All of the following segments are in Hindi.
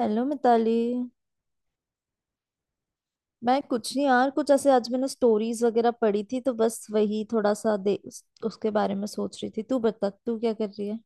हेलो मिताली। मैं कुछ नहीं यार, कुछ ऐसे आज मैंने स्टोरीज वगैरह पढ़ी थी, तो बस वही थोड़ा सा दे उसके बारे में सोच रही थी। तू बता, तू क्या कर रही है?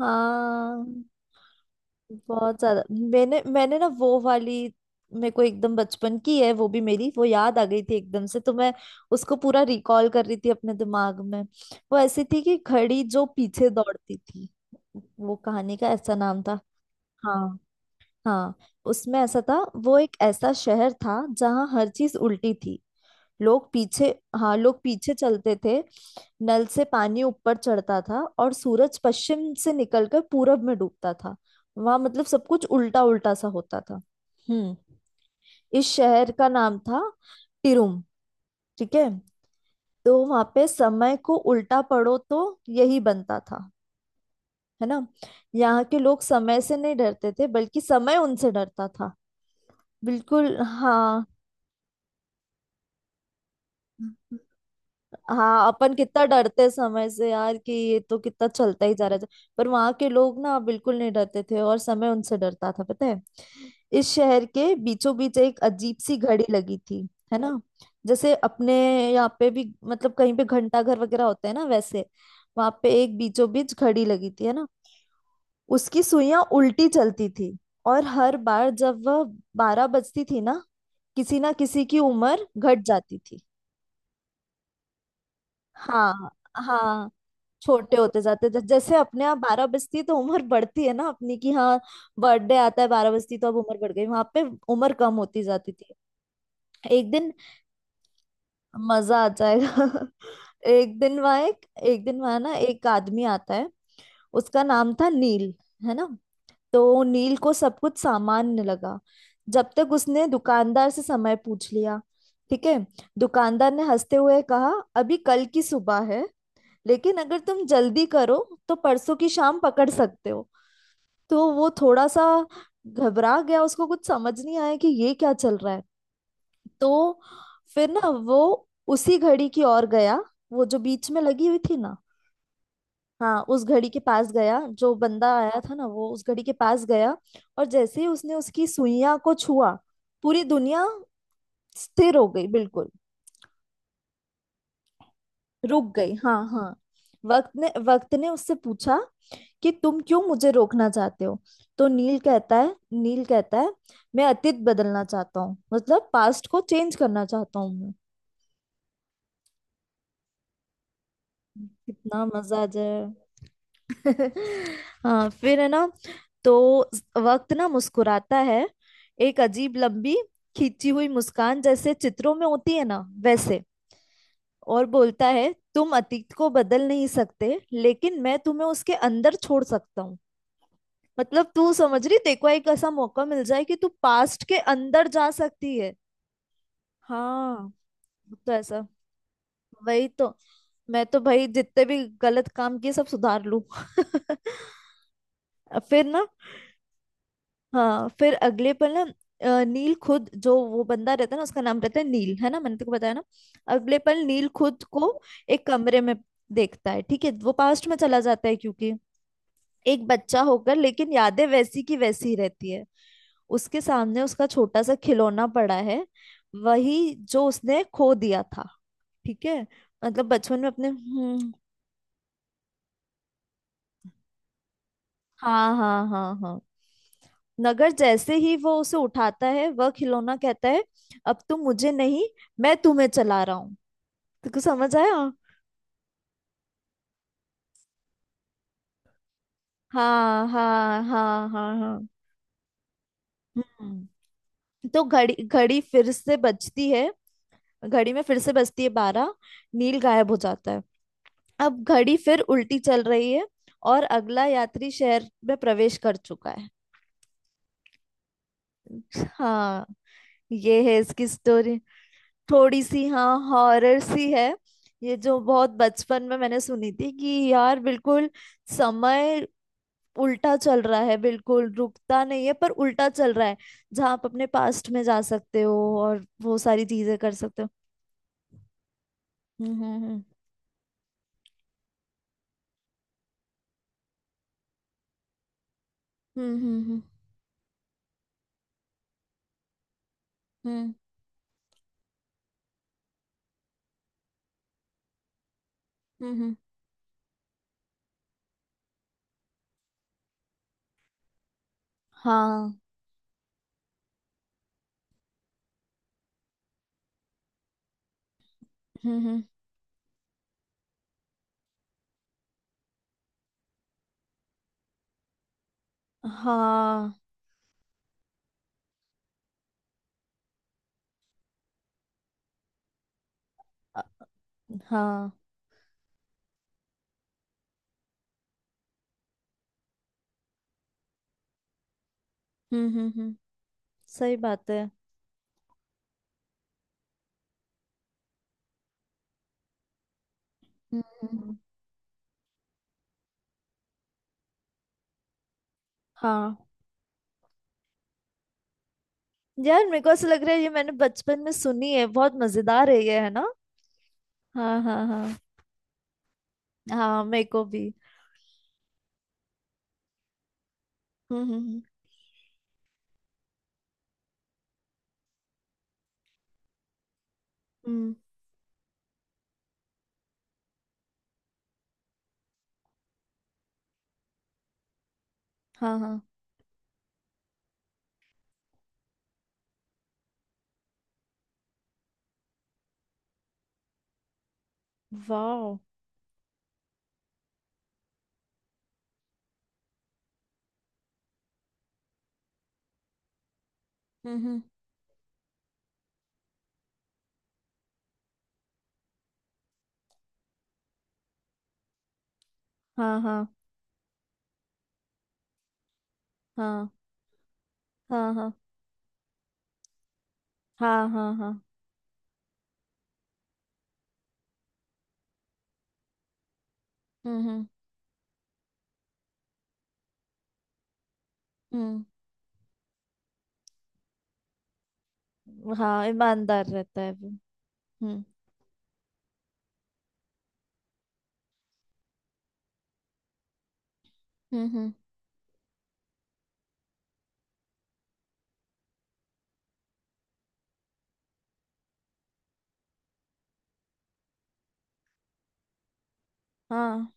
हाँ, बहुत ज्यादा। मैंने मैंने ना वो वाली। मेरे को एकदम बचपन की है, वो भी मेरी, वो याद आ गई थी एकदम से, तो मैं उसको पूरा रिकॉल कर रही थी अपने दिमाग में। वो ऐसी थी कि घड़ी जो पीछे दौड़ती थी, वो कहानी का ऐसा नाम था। हाँ। हाँ। उसमें ऐसा था, वो एक ऐसा शहर था जहाँ हर चीज उल्टी थी। लोग पीछे। हाँ, लोग पीछे चलते थे, नल से पानी ऊपर चढ़ता था और सूरज पश्चिम से निकलकर पूरब में डूबता था। वहां मतलब सब कुछ उल्टा उल्टा सा होता था। हम्म। इस शहर का नाम था टिरुम। ठीक है। तो वहां पे समय को उल्टा पढ़ो तो यही बनता था, है ना। यहाँ के लोग समय से नहीं डरते थे, बल्कि समय उनसे डरता था। बिल्कुल हाँ। हाँ, अपन कितना डरते हैं समय से यार, कि ये तो कितना चलता ही जा रहा है। पर वहां के लोग ना बिल्कुल नहीं डरते थे और समय उनसे डरता था, पता है। इस शहर के बीचों बीच एक अजीब सी घड़ी लगी थी, है ना। जैसे अपने यहाँ पे भी मतलब कहीं पे घंटा घर वगैरह होते हैं ना, वैसे वहां पे एक बीचों बीच घड़ी लगी थी, है ना। उसकी सुइयां उल्टी चलती थी, और हर बार जब वह बारह बजती थी ना, किसी ना किसी की उम्र घट जाती थी। हाँ। हाँ, छोटे होते जाते हैं। जैसे अपने यहाँ बारह बजती है तो उम्र बढ़ती है ना अपनी की, हाँ, बर्थडे आता है। बारह बजती तो अब उम्र बढ़ गई। वहां पे उम्र कम होती जाती थी। एक दिन मजा आ जाएगा। एक दिन वहां एक, एक दिन वहां ना एक आदमी आता है। उसका नाम था नील, है ना। तो नील को सब कुछ सामान्य लगा, जब तक उसने दुकानदार से समय पूछ लिया। ठीक है। दुकानदार ने हंसते हुए कहा, अभी कल की सुबह है, लेकिन अगर तुम जल्दी करो तो परसों की शाम पकड़ सकते हो। तो वो थोड़ा सा घबरा गया, उसको कुछ समझ नहीं आया कि ये क्या चल रहा है। तो फिर ना वो उसी घड़ी की ओर गया, वो जो बीच में लगी हुई थी ना। हाँ, उस घड़ी के पास गया। जो बंदा आया था ना, वो उस घड़ी के पास गया, और जैसे ही उसने उसकी सुइयां को छुआ, पूरी दुनिया स्थिर हो गई, बिल्कुल रुक गई। हाँ, हाँ। वक्त ने उससे पूछा कि तुम क्यों मुझे रोकना चाहते हो। तो नील कहता है, नील कहता है, मैं अतीत बदलना चाहता हूँ, मतलब पास्ट को चेंज करना चाहता हूँ मैं। कितना मजा आ जाए। हाँ, फिर है ना। तो वक्त ना मुस्कुराता है, एक अजीब लंबी खींची हुई मुस्कान जैसे चित्रों में होती है ना वैसे, और बोलता है तुम अतीत को बदल नहीं सकते, लेकिन मैं तुम्हें उसके अंदर छोड़ सकता हूँ। मतलब तू समझ रही, तेको एक ऐसा मौका मिल जाए कि तू पास्ट के अंदर जा सकती है। हाँ। तो ऐसा, वही तो, मैं तो भाई जितने भी गलत काम किए सब सुधार लूं। फिर ना, हाँ फिर अगले पल ना, नील खुद, जो वो बंदा रहता है ना उसका नाम रहता है नील, है ना, मैंने तेको बताया ना। अगले पल नील खुद को एक कमरे में देखता है। ठीक है। वो पास्ट में चला जाता है क्योंकि एक बच्चा होकर, लेकिन यादें वैसी की वैसी रहती है। उसके सामने उसका छोटा सा खिलौना पड़ा है, वही जो उसने खो दिया था। ठीक है। मतलब बचपन में अपने। हम्म। हाँ, हाँ, हाँ, हाँ। नगर जैसे ही वो उसे उठाता है, वह खिलौना कहता है अब तुम मुझे नहीं, मैं तुम्हें चला रहा हूँ। तुमको समझ आया? हाँ, हाँ, हाँ, हाँ, हाँ। हम्म। तो घड़ी घड़ी फिर से बजती है, घड़ी में फिर से बजती है बारह। नील गायब हो जाता है। अब घड़ी फिर उल्टी चल रही है, और अगला यात्री शहर में प्रवेश कर चुका है। हाँ। ये है इसकी स्टोरी, थोड़ी सी हाँ हॉरर सी है। ये जो बहुत बचपन में मैंने सुनी थी कि, यार बिल्कुल, समय उल्टा चल रहा है, बिल्कुल रुकता नहीं है, पर उल्टा चल रहा है। जहाँ आप अपने पास्ट में जा सकते हो और वो सारी चीजें कर सकते हो। हम्म, हम्म, हम्म, हम्म, हम्म, हम्म, हाँ, हम्म, हाँ, हाँ, हम्म, हम्म, हम्म, सही बात है, हम्म, हाँ। यार मेरे को ऐसा लग रहा है ये मैंने बचपन में सुनी है, बहुत मजेदार है ये, है ना। हाँ, हाँ, हाँ, हाँ, मेरे को भी। हम्म, हम्म, हम्म, हम्म, हाँ, हाँ। वाओ। हम्म, हम्म, हाँ, हाँ, हाँ, हाँ, हाँ, हाँ, हाँ, हाँ। हम्म, हम्म, हम्म, हाँ, ईमानदार रहता है वो। हम्म, हम्म, हम्म, हाँ,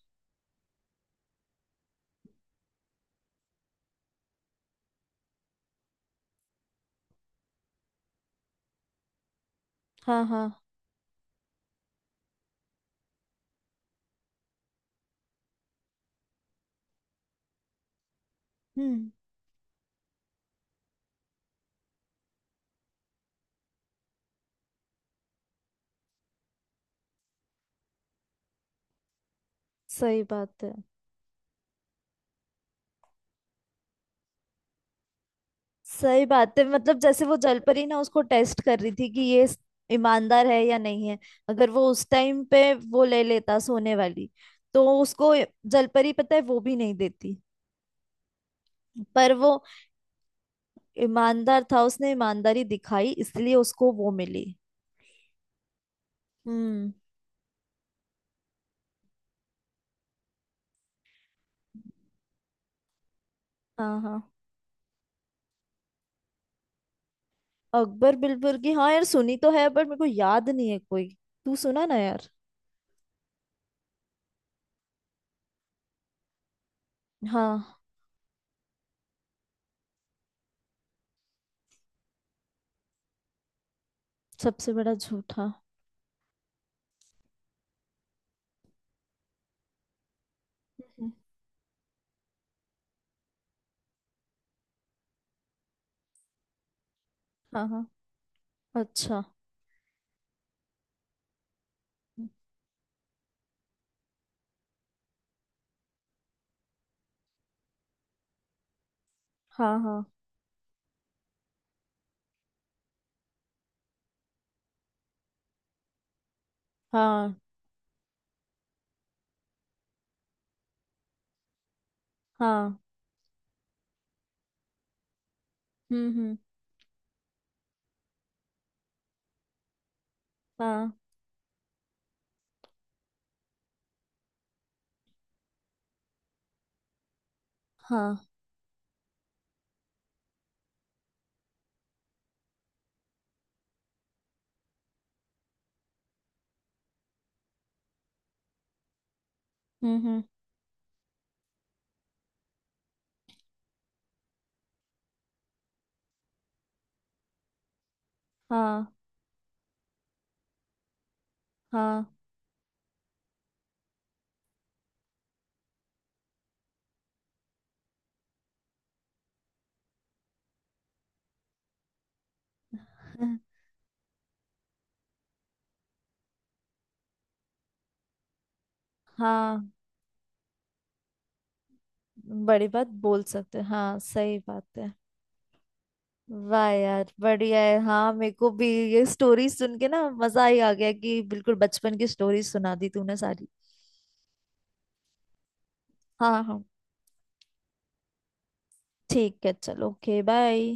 हाँ, हाँ। हम्म, सही बात है। सही बात है। मतलब जैसे वो जलपरी ना उसको टेस्ट कर रही थी कि ये ईमानदार है या नहीं है। अगर वो उस टाइम पे वो ले लेता सोने वाली, तो उसको जलपरी पता है वो भी नहीं देती। पर वो ईमानदार था, उसने ईमानदारी दिखाई, इसलिए उसको वो मिली। हम्म। हाँ, हाँ। अकबर बिरबल की, हाँ यार, सुनी तो है बट मेरे को याद नहीं है कोई। तू सुना ना यार। हाँ। सबसे बड़ा झूठा। हम्म, हाँ, हाँ, अच्छा। हाँ, हाँ, हाँ, हाँ। हम्म, हम्म, हाँ, हाँ। हम्म, हम्म, हाँ, हाँ। हम्म, हाँ, बड़ी बात बोल सकते हैं, हाँ सही बात है। वाह यार बढ़िया है, हाँ मेरे को भी। ये स्टोरी सुन के ना मजा ही आ गया कि बिल्कुल बचपन की स्टोरी सुना दी तूने सारी। हाँ, हाँ, ठीक है, चलो, ओके, बाय।